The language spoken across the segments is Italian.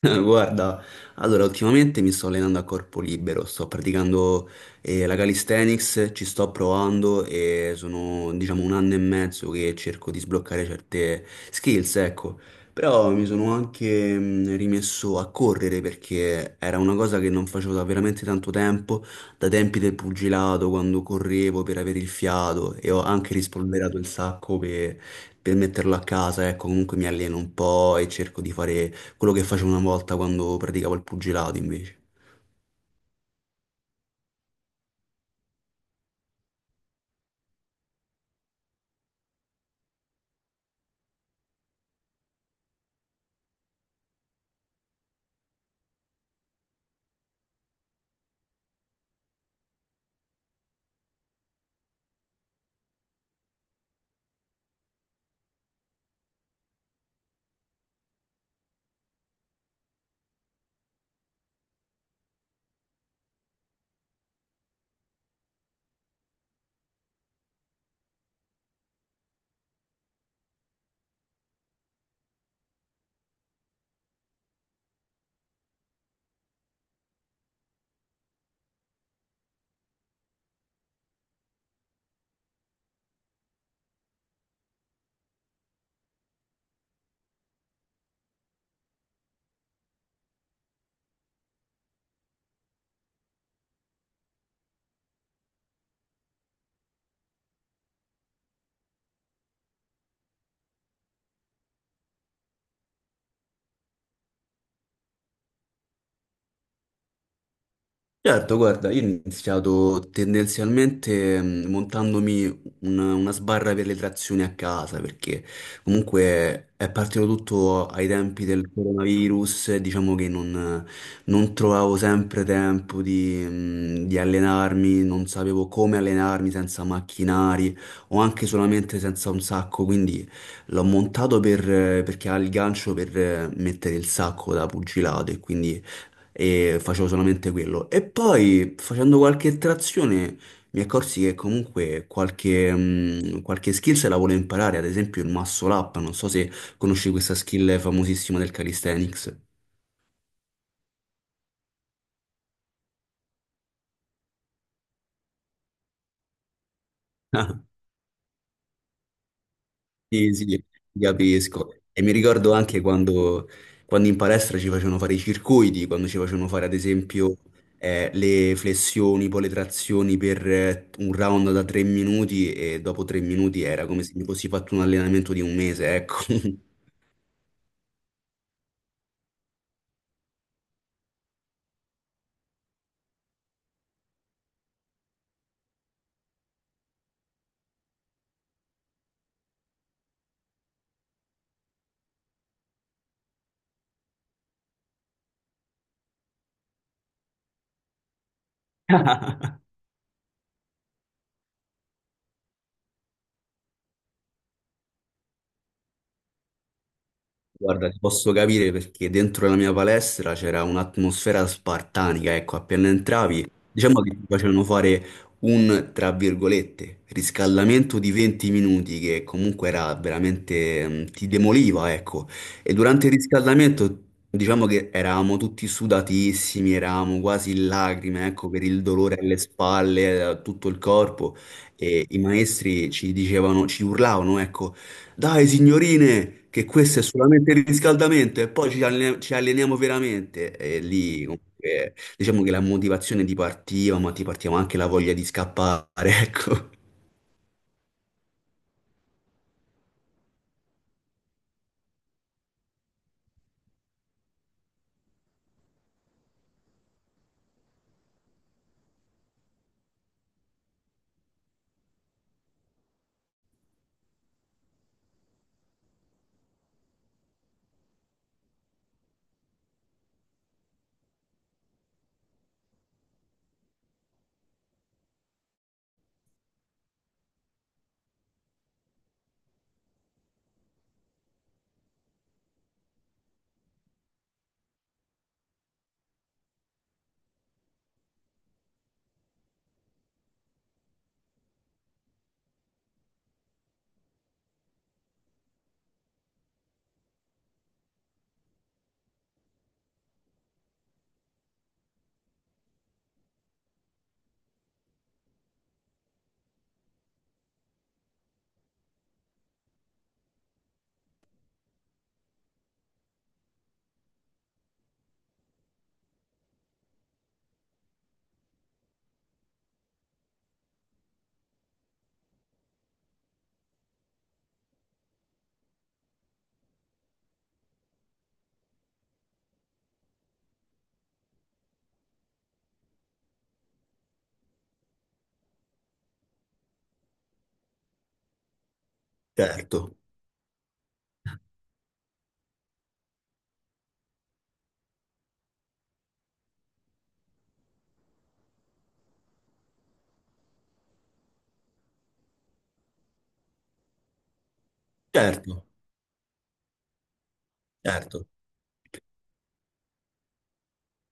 Guarda, allora ultimamente mi sto allenando a corpo libero, sto praticando la calisthenics, ci sto provando e sono diciamo 1 anno e mezzo che cerco di sbloccare certe skills, ecco. Però mi sono anche rimesso a correre perché era una cosa che non facevo da veramente tanto tempo, da tempi del pugilato, quando correvo per avere il fiato e ho anche rispolverato il sacco per metterlo a casa, ecco, comunque mi alleno un po' e cerco di fare quello che facevo una volta quando praticavo il pugilato invece. Certo, guarda, io ho iniziato tendenzialmente montandomi una sbarra per le trazioni a casa, perché comunque è partito tutto ai tempi del coronavirus, e diciamo che non trovavo sempre tempo di allenarmi, non sapevo come allenarmi senza macchinari o anche solamente senza un sacco, quindi l'ho montato per, perché ha il gancio per mettere il sacco da pugilato e quindi facevo solamente quello. E poi facendo qualche trazione mi accorsi che comunque qualche skill se la volevo imparare, ad esempio il muscle up, non so se conosci questa skill famosissima del calisthenics. Sì, sì, ti capisco. E mi ricordo anche quando in palestra ci facevano fare i circuiti, quando ci facevano fare ad esempio le flessioni, poi le trazioni per un round da 3 minuti e dopo 3 minuti era come se mi fossi fatto un allenamento di un mese, ecco. Guarda, ti posso capire perché dentro la mia palestra c'era un'atmosfera spartanica, ecco, appena entravi, diciamo che ti facevano fare un, tra virgolette, riscaldamento di 20 minuti che comunque era veramente, ti demoliva, ecco, e durante il riscaldamento diciamo che eravamo tutti sudatissimi, eravamo quasi in lacrime, ecco, per il dolore alle spalle, a tutto il corpo, e i maestri ci dicevano, ci urlavano, ecco, dai, signorine, che questo è solamente il riscaldamento e poi ci alleniamo veramente. E lì, comunque, diciamo che la motivazione ti partiva, ma ti partiva anche la voglia di scappare, ecco. Certo, certo, certo.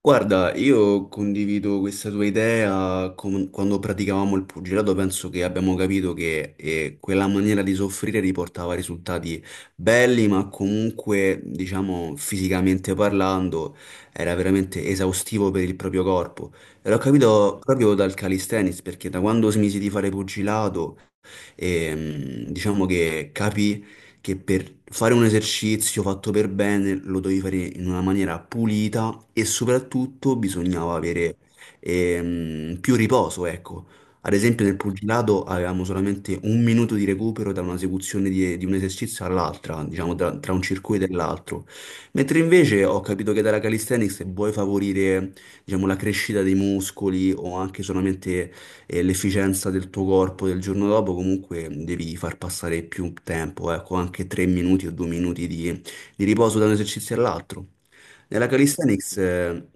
Guarda, io condivido questa tua idea. Com- quando praticavamo il pugilato, penso che abbiamo capito che quella maniera di soffrire riportava risultati belli, ma comunque, diciamo, fisicamente parlando, era veramente esaustivo per il proprio corpo. E l'ho capito proprio dal calisthenics, perché da quando smisi di fare pugilato, diciamo che capì che per fare un esercizio fatto per bene lo dovevi fare in una maniera pulita e soprattutto bisognava avere più riposo, ecco. Ad esempio nel pugilato avevamo solamente 1 minuto di recupero da un'esecuzione di un esercizio all'altra, diciamo tra un circuito e l'altro. Mentre invece ho capito che dalla calisthenics se vuoi favorire, diciamo, la crescita dei muscoli o anche solamente e l'efficienza del tuo corpo del giorno dopo, comunque devi far passare più tempo, ecco, anche 3 minuti o 2 minuti di riposo da un esercizio all'altro. Nella calisthenics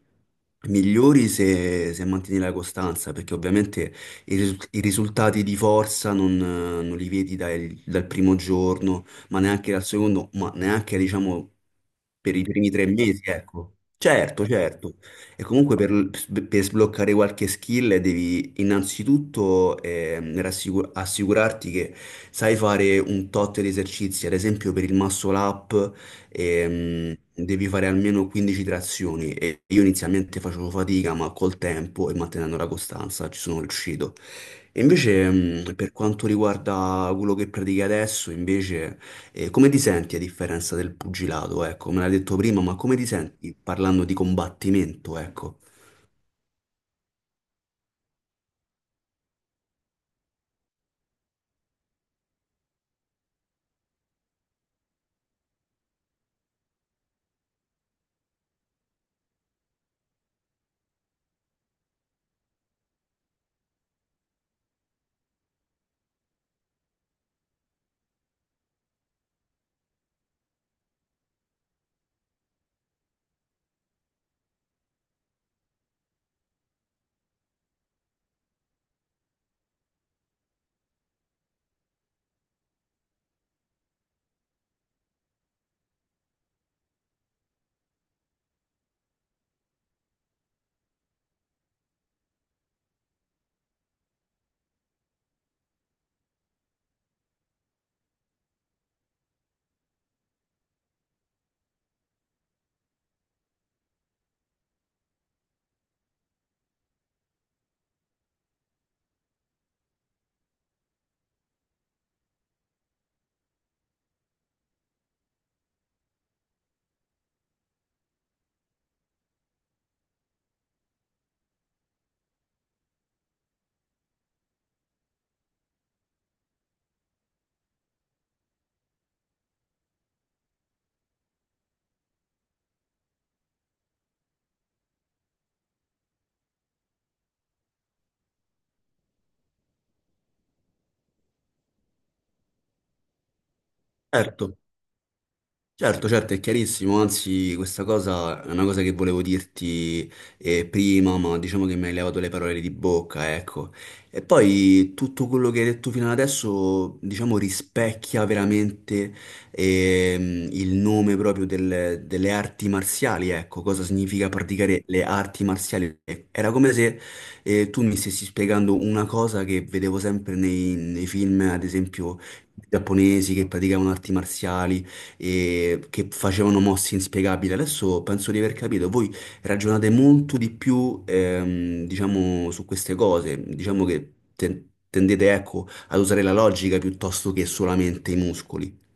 migliori se mantieni la costanza, perché ovviamente i risultati di forza non li vedi dal primo giorno, ma neanche dal secondo, ma neanche diciamo per i primi 3 mesi, ecco. Certo, certo. E comunque per sbloccare qualche skill devi innanzitutto assicurarti che sai fare un tot di esercizi, ad esempio per il muscle up devi fare almeno 15 trazioni e io inizialmente facevo fatica, ma col tempo e mantenendo la costanza ci sono riuscito. E invece per quanto riguarda quello che pratichi adesso, invece, come ti senti a differenza del pugilato? Ecco, me l'hai detto prima, ma come ti senti parlando di combattimento? Ecco. Certo. Certo, certo, è chiarissimo, anzi questa cosa è una cosa che volevo dirti prima, ma diciamo che mi hai levato le parole di bocca, ecco. E poi tutto quello che hai detto fino ad adesso, diciamo, rispecchia veramente il nome proprio delle arti marziali, ecco, cosa significa praticare le arti marziali. Era come se tu mi stessi spiegando una cosa che vedevo sempre nei film, ad esempio, giapponesi che praticavano arti marziali e che facevano mosse inspiegabili. Adesso penso di aver capito, voi ragionate molto di più, diciamo, su queste cose, diciamo che tendete, ecco, ad usare la logica piuttosto che solamente i muscoli.